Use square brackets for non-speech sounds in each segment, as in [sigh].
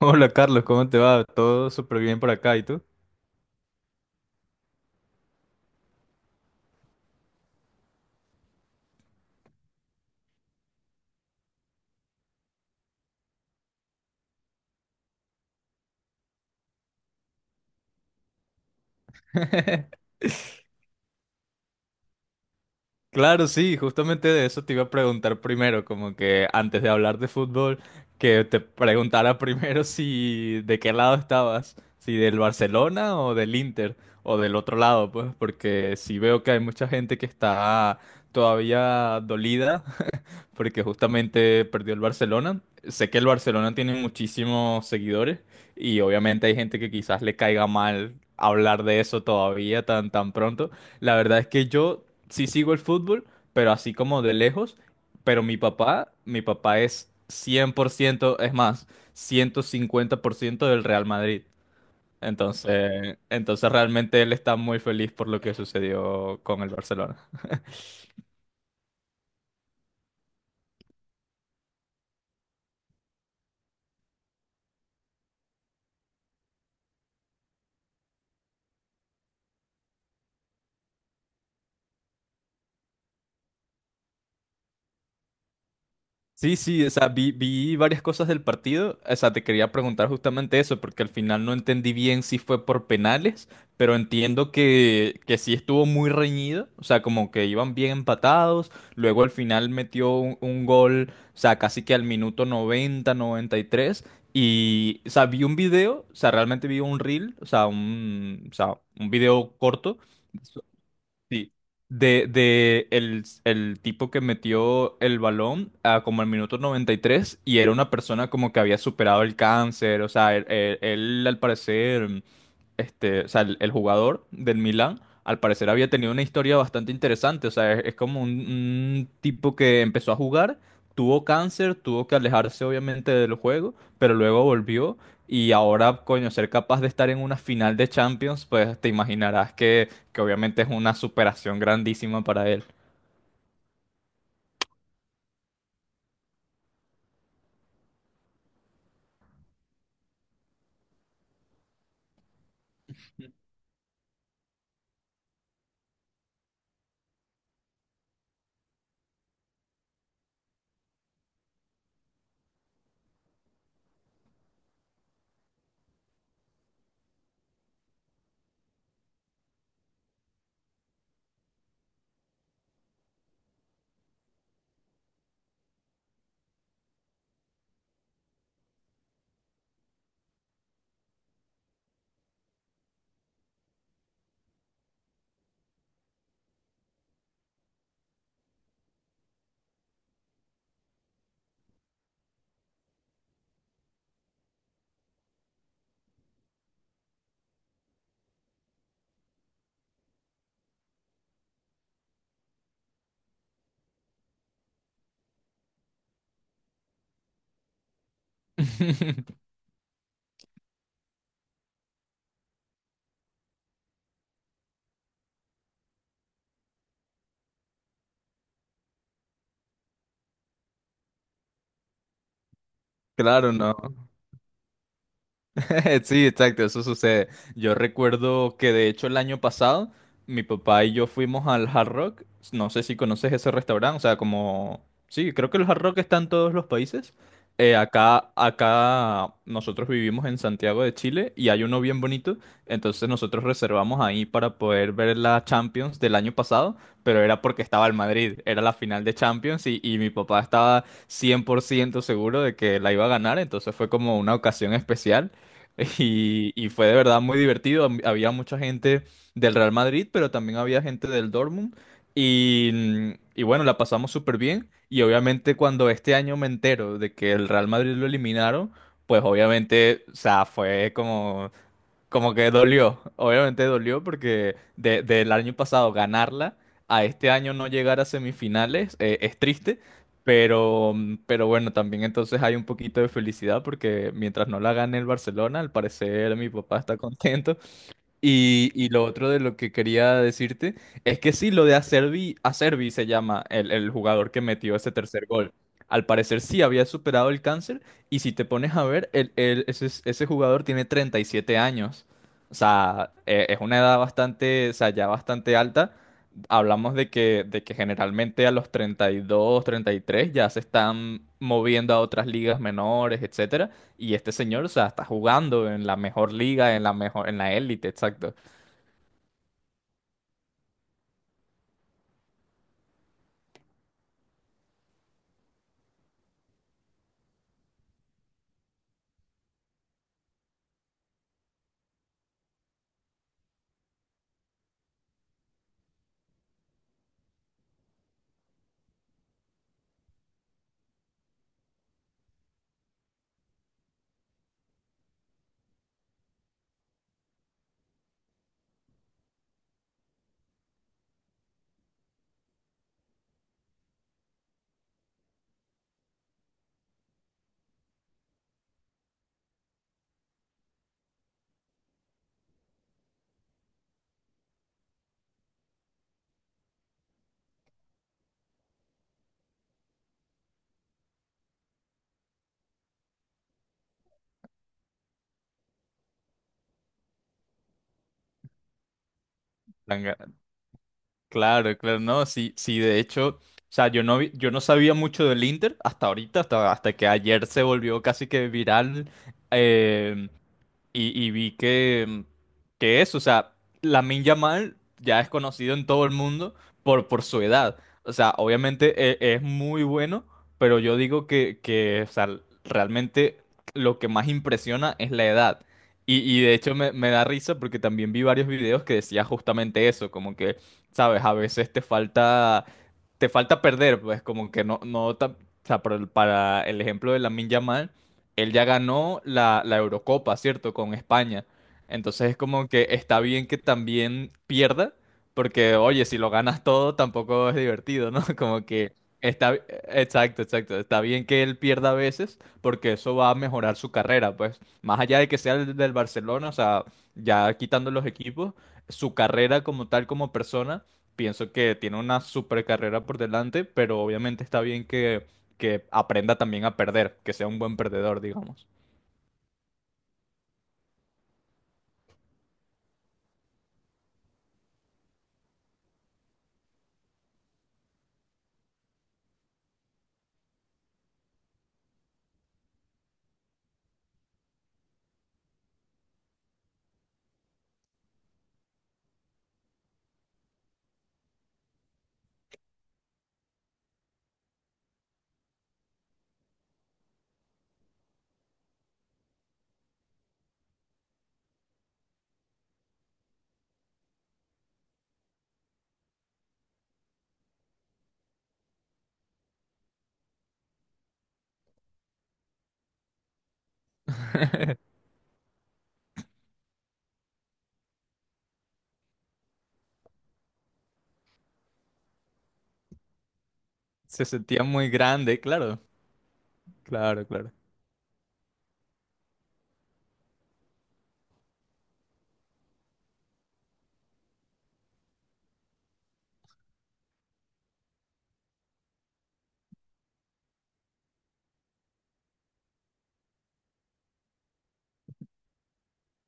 Hola Carlos, ¿cómo te va? Todo súper bien por acá, ¿y tú? [laughs] Claro, sí, justamente de eso te iba a preguntar primero, como que antes de hablar de fútbol, que te preguntara [laughs] primero si de qué lado estabas, si del Barcelona o del Inter, o del otro lado, pues, porque sí veo que hay mucha gente que está todavía dolida porque justamente perdió el Barcelona. Sé que el Barcelona tiene muchísimos seguidores y obviamente hay gente que quizás le caiga mal hablar de eso todavía tan, tan pronto. La verdad es que yo sí sigo el fútbol, pero así como de lejos, pero mi papá es 100%, es más, 150% del Real Madrid. Entonces realmente él está muy feliz por lo que sucedió con el Barcelona. Sí, sí, o sea, vi varias cosas del partido. O sea, te quería preguntar justamente eso, porque al final no entendí bien si fue por penales, pero entiendo que sí estuvo muy reñido. O sea, como que iban bien empatados. Luego al final metió un gol, o sea, casi que al minuto noventa y tres. Y, o sea, vi un video, o sea, realmente vi un reel, o sea, un video corto. Sí, de el tipo que metió el balón a como el minuto 93 y era una persona como que había superado el cáncer, o sea, él, al parecer, este, o sea, el jugador del Milan, al parecer había tenido una historia bastante interesante, o sea, es como un tipo que empezó a jugar, tuvo cáncer, tuvo que alejarse obviamente del juego, pero luego volvió y ahora, coño, ser capaz de estar en una final de Champions, pues te imaginarás que obviamente es una superación grandísima para él. [laughs] Claro, no. [laughs] Sí, exacto, eso sucede. Yo recuerdo que de hecho el año pasado mi papá y yo fuimos al Hard Rock. No sé si conoces ese restaurante, o sea, Sí, creo que el Hard Rock está en todos los países. Acá nosotros vivimos en Santiago de Chile y hay uno bien bonito. Entonces nosotros reservamos ahí para poder ver la Champions del año pasado, pero era porque estaba el Madrid, era la final de Champions y mi papá estaba 100% seguro de que la iba a ganar, entonces fue como una ocasión especial. Y fue de verdad muy divertido. Había mucha gente del Real Madrid, pero también había gente del Dortmund. Y bueno, la pasamos súper bien. Y obviamente cuando este año me entero de que el Real Madrid lo eliminaron, pues obviamente, o sea, fue como que dolió, obviamente dolió porque del año pasado ganarla a este año no llegar a semifinales, es triste, pero, pero bueno, también entonces hay un poquito de felicidad porque mientras no la gane el Barcelona, al parecer mi papá está contento y lo otro de lo que quería decirte es que sí, lo de Acerbi, Acerbi se llama el jugador que metió ese tercer gol. Al parecer sí había superado el cáncer y si te pones a ver, ese jugador tiene 37 años. O sea, es una edad bastante, o sea, ya bastante alta. Hablamos de que generalmente a los 30, 32, 33 ya se están moviendo a otras ligas menores, etcétera, y este señor, o sea, está jugando en la mejor liga, en la mejor, en la élite, exacto. Tan- Claro, claro, no, sí, sí, de hecho, o sea, yo no sabía mucho del Inter hasta ahorita, hasta, que ayer se volvió casi que viral eh, y vi que eso, o sea, Lamine Yamal ya es conocido en todo el mundo por su edad. O sea, obviamente es muy bueno, pero yo digo que, o sea, realmente lo que más impresiona es la edad. Y de hecho me da risa porque también vi varios videos que decía justamente eso, como que, sabes, a veces te falta perder, pues como que no, no, o sea, para el ejemplo de Lamine Yamal, él ya ganó la Eurocopa, ¿cierto? Con España. Entonces es como que está bien que también pierda, porque oye, si lo ganas todo tampoco es divertido, ¿no? [laughs] Como que está, exacto, exacto, está bien que él pierda a veces, porque eso va a mejorar su carrera, pues, más allá de que sea el del Barcelona, o sea, ya quitando los equipos, su carrera como tal, como persona. Pienso que tiene una super carrera por delante, pero obviamente está bien que aprenda también a perder, que sea un buen perdedor, digamos. Se sentía muy grande, claro, claro, claro.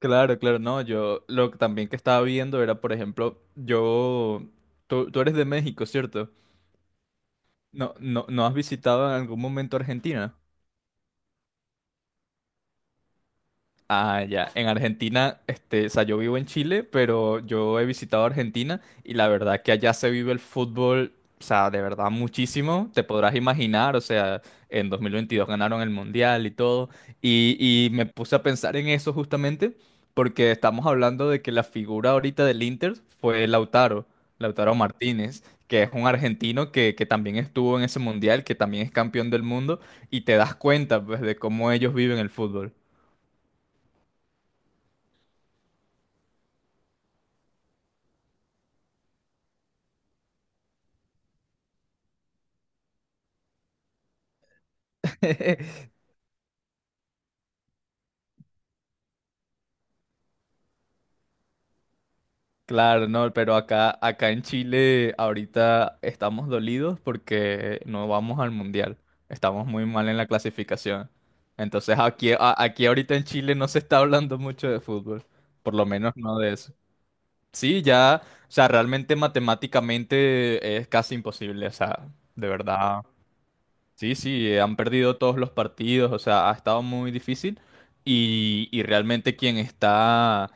Claro, claro, no, yo lo que también que estaba viendo era, por ejemplo, tú eres de México, ¿cierto? No, no, ¿no has visitado en algún momento Argentina? Ah, ya. En Argentina, este, o sea, yo vivo en Chile, pero yo he visitado Argentina y la verdad que allá se vive el fútbol, o sea, de verdad muchísimo. Te podrás imaginar, o sea, en 2022 ganaron el Mundial y todo. Y me puse a pensar en eso justamente porque estamos hablando de que la figura ahorita del Inter fue Lautaro, Lautaro Martínez, que es un argentino que también estuvo en ese Mundial, que también es campeón del mundo y te das cuenta, pues, de cómo ellos viven el fútbol. [laughs] Claro, no, pero acá en Chile ahorita estamos dolidos porque no vamos al mundial. Estamos muy mal en la clasificación. Entonces aquí ahorita en Chile no se está hablando mucho de fútbol. Por lo menos no de eso. Sí, ya, o sea, realmente matemáticamente es casi imposible. O sea, de verdad. Sí, sí, han perdido todos los partidos, o sea, ha estado muy difícil y realmente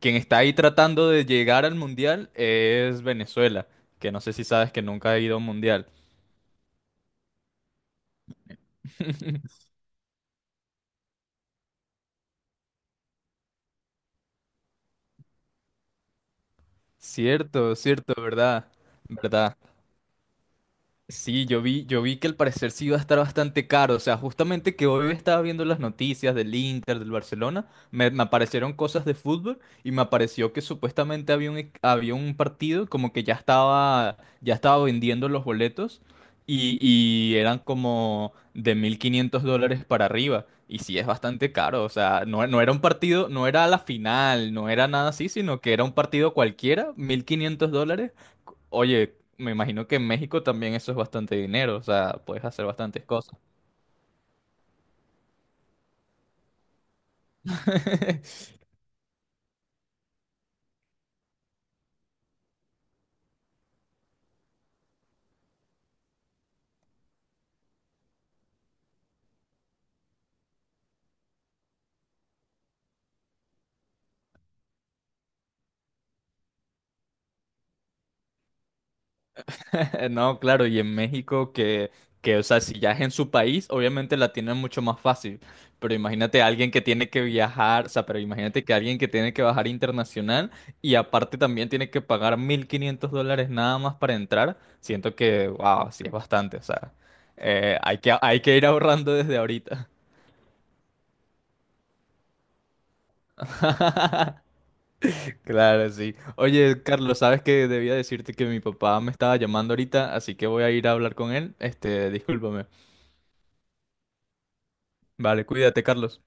quien está ahí tratando de llegar al mundial es Venezuela, que no sé si sabes que nunca ha ido a un mundial. Cierto, cierto, ¿verdad? ¿Verdad? Sí, yo vi que al parecer sí iba a estar bastante caro. O sea, justamente que hoy estaba viendo las noticias del Inter, del Barcelona, me aparecieron cosas de fútbol y me apareció que supuestamente había un partido como que ya estaba vendiendo los boletos y eran como de $1,500 para arriba. Y sí, es bastante caro. O sea, no, no era un partido, no era la final, no era nada así, sino que era un partido cualquiera, $1,500. Oye, me imagino que en México también eso es bastante dinero, o sea, puedes hacer bastantes cosas. [laughs] No, claro, y en México que, o sea, si ya es en su país, obviamente la tienen mucho más fácil, pero imagínate a alguien que tiene que viajar, o sea, pero imagínate que alguien que tiene que bajar internacional y aparte también tiene que pagar $1,500 nada más para entrar, siento que, wow, sí es bastante, o sea, hay que ir ahorrando desde ahorita. [laughs] Claro, sí. Oye, Carlos, sabes que debía decirte que mi papá me estaba llamando ahorita, así que voy a ir a hablar con él. Este, discúlpame. Vale, cuídate, Carlos.